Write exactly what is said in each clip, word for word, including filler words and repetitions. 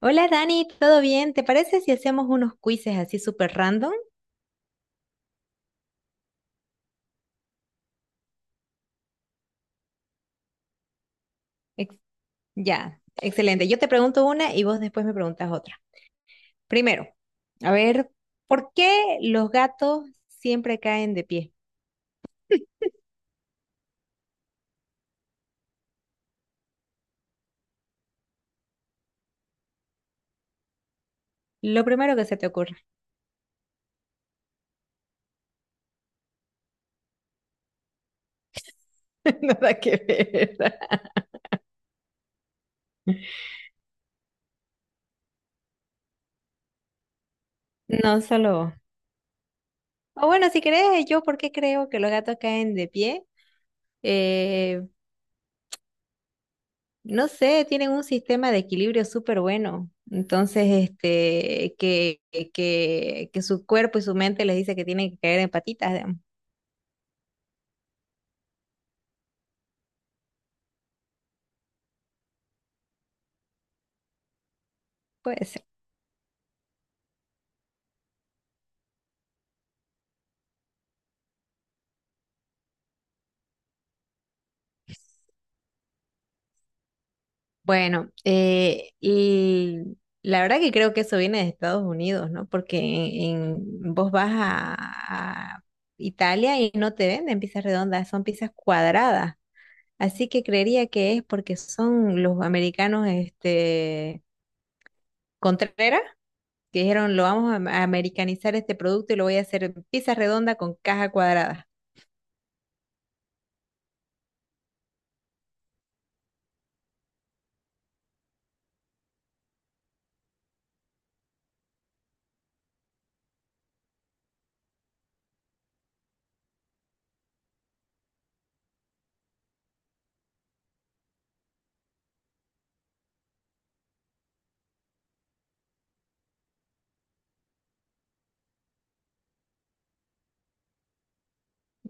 Hola Dani, ¿todo bien? ¿Te parece si hacemos unos quizzes así súper random? Ex- ya, excelente. Yo te pregunto una y vos después me preguntas otra. Primero, a ver, ¿por qué los gatos siempre caen de pie? Lo primero que se te ocurra. Nada que ver. No solo vos. O bueno, si querés, yo por qué creo que los gatos caen de pie. Eh, No sé, tienen un sistema de equilibrio súper bueno. Entonces, este, que, que, que su cuerpo y su mente les dice que tienen que caer en patitas, digamos. Puede ser. Bueno, eh, y la verdad que creo que eso viene de Estados Unidos, ¿no? Porque en, en- vos vas a, a Italia y no te venden pizzas redondas, son pizzas cuadradas. Así que creería que es porque son los americanos, este, Contreras. Que dijeron, lo vamos a a americanizar este producto y lo voy a hacer en pizza redonda con caja cuadrada.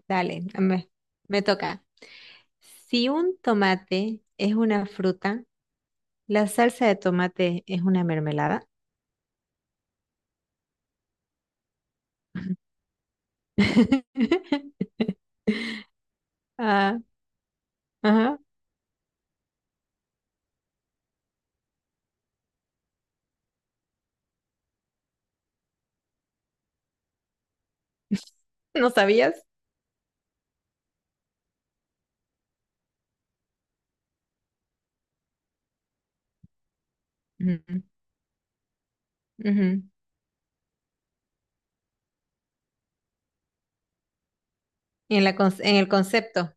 Dale, me, me toca. Si un tomate es una fruta, ¿la salsa de tomate es una mermelada? Ah, ajá. ¿No sabías? Ujú, ujú. En la, con- en el concepto.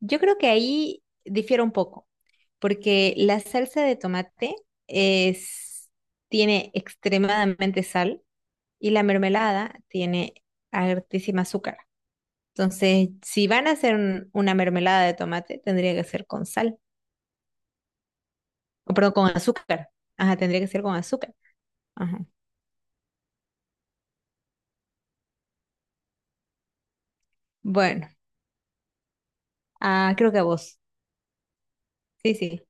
Yo creo que ahí difiere un poco, porque la salsa de tomate es, tiene extremadamente sal. Y la mermelada tiene altísima azúcar. Entonces, si van a hacer un- una mermelada de tomate, tendría que ser con sal, o perdón, con azúcar. Ajá, tendría que ser con azúcar. Ajá. Bueno, ah, creo que a vos. Sí, sí.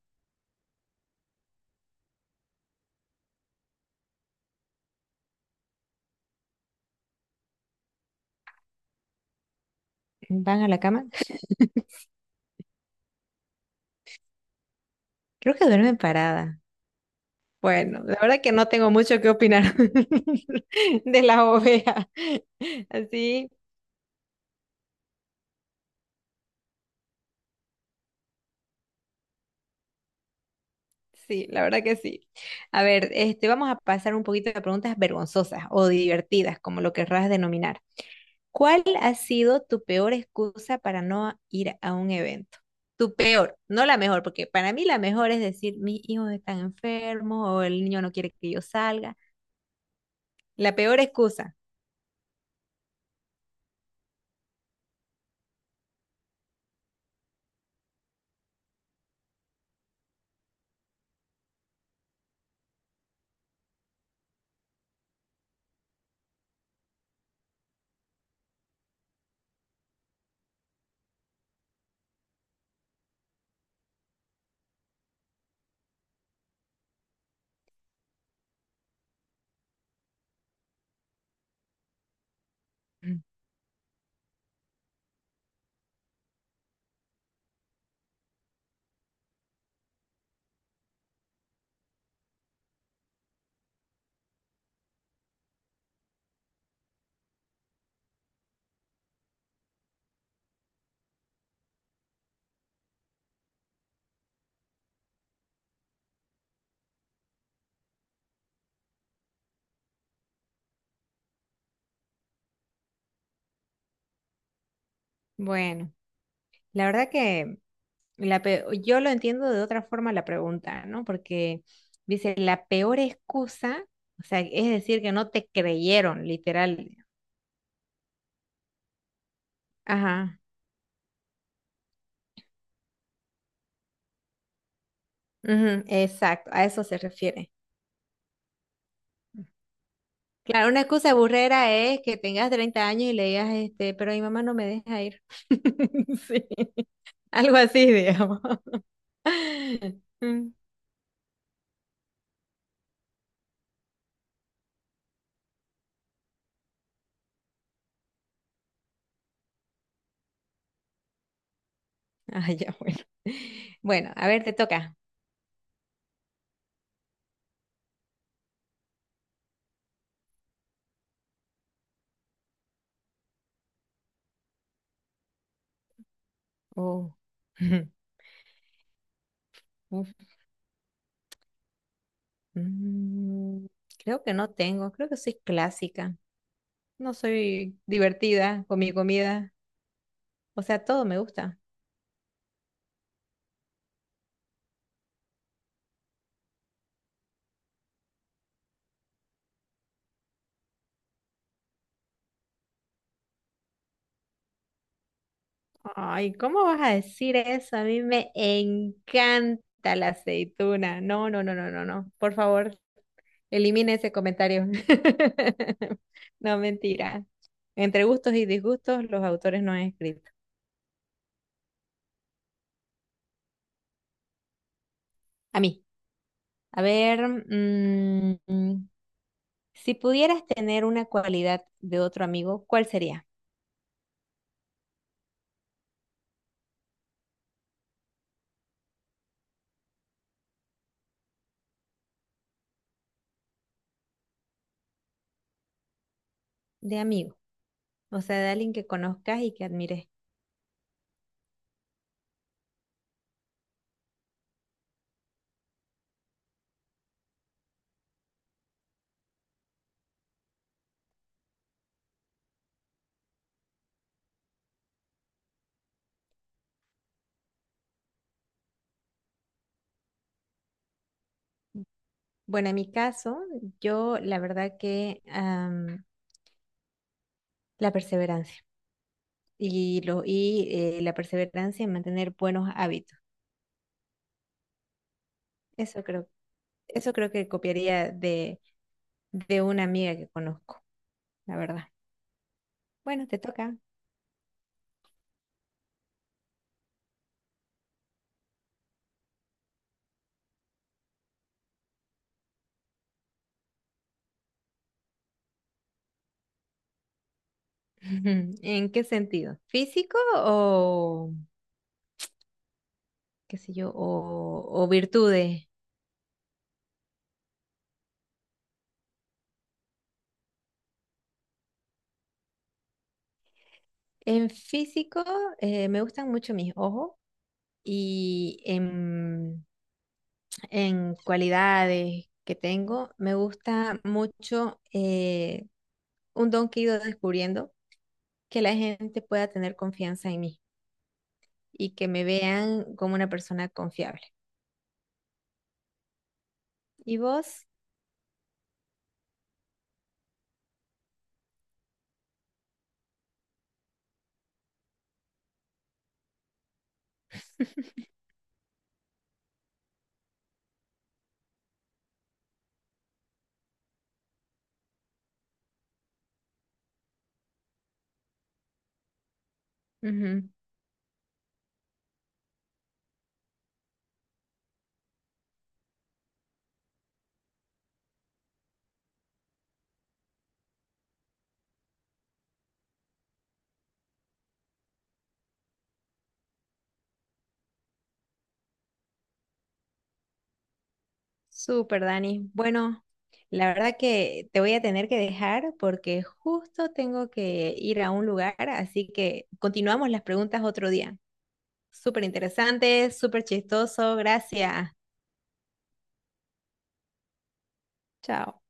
¿Van a la cama? Creo que duermen parada. Bueno, la verdad que no tengo mucho que opinar de la oveja. Así. Sí, la verdad que sí. A ver, este, vamos a pasar un poquito de preguntas vergonzosas o divertidas, como lo querrás denominar. ¿Cuál ha sido tu peor excusa para no ir a un evento? Tu peor, no la mejor, porque para mí la mejor es decir, mis hijos están enfermos o el niño no quiere que yo salga. La peor excusa. Mm. Bueno, la verdad que La pe- yo lo entiendo de otra forma la pregunta, ¿no? Porque dice, la peor excusa, o sea, es decir, que no te creyeron, literal. Ajá, ujú, exacto, a eso se refiere. Claro, una excusa burrera es que tengas treinta años y le digas, este, pero mi mamá no me deja ir. Sí, algo así, digamos. Mm, ah, ya, bueno. Bueno, a ver, te toca. Oh. Mm, creo que no tengo, creo que soy clásica. No soy divertida con mi comida. O sea, todo me gusta. Ay, ¿cómo vas a decir eso? A mí me encanta la aceituna. No, no, no, no, no, no. Por favor, elimine ese comentario. No, mentira. Entre gustos y disgustos, los autores no han escrito. A mí. A ver, mm, mm, si pudieras tener una cualidad de otro amigo, ¿cuál sería? De amigo. O sea, de alguien que conozcas y que admires. Bueno, en mi caso, yo la verdad que am, la perseverancia y, lo, y eh, la perseverancia en mantener buenos hábitos. Eso creo, eso creo que copiaría de, de una amiga que conozco, la verdad. Bueno, te toca. ¿En qué sentido? ¿Físico o qué sé yo? ¿O, o virtudes? En físico eh, me gustan mucho mis ojos y en en cualidades que tengo, me gusta mucho eh, un don que he ido descubriendo, que la gente pueda tener confianza en mí y que me vean como una persona confiable. ¿Y vos? Ujú. Súper, Dani. Bueno, la verdad que te voy a tener que dejar porque justo tengo que ir a un lugar, así que continuamos las preguntas otro día. Súper interesante, súper chistoso. Gracias. Chao.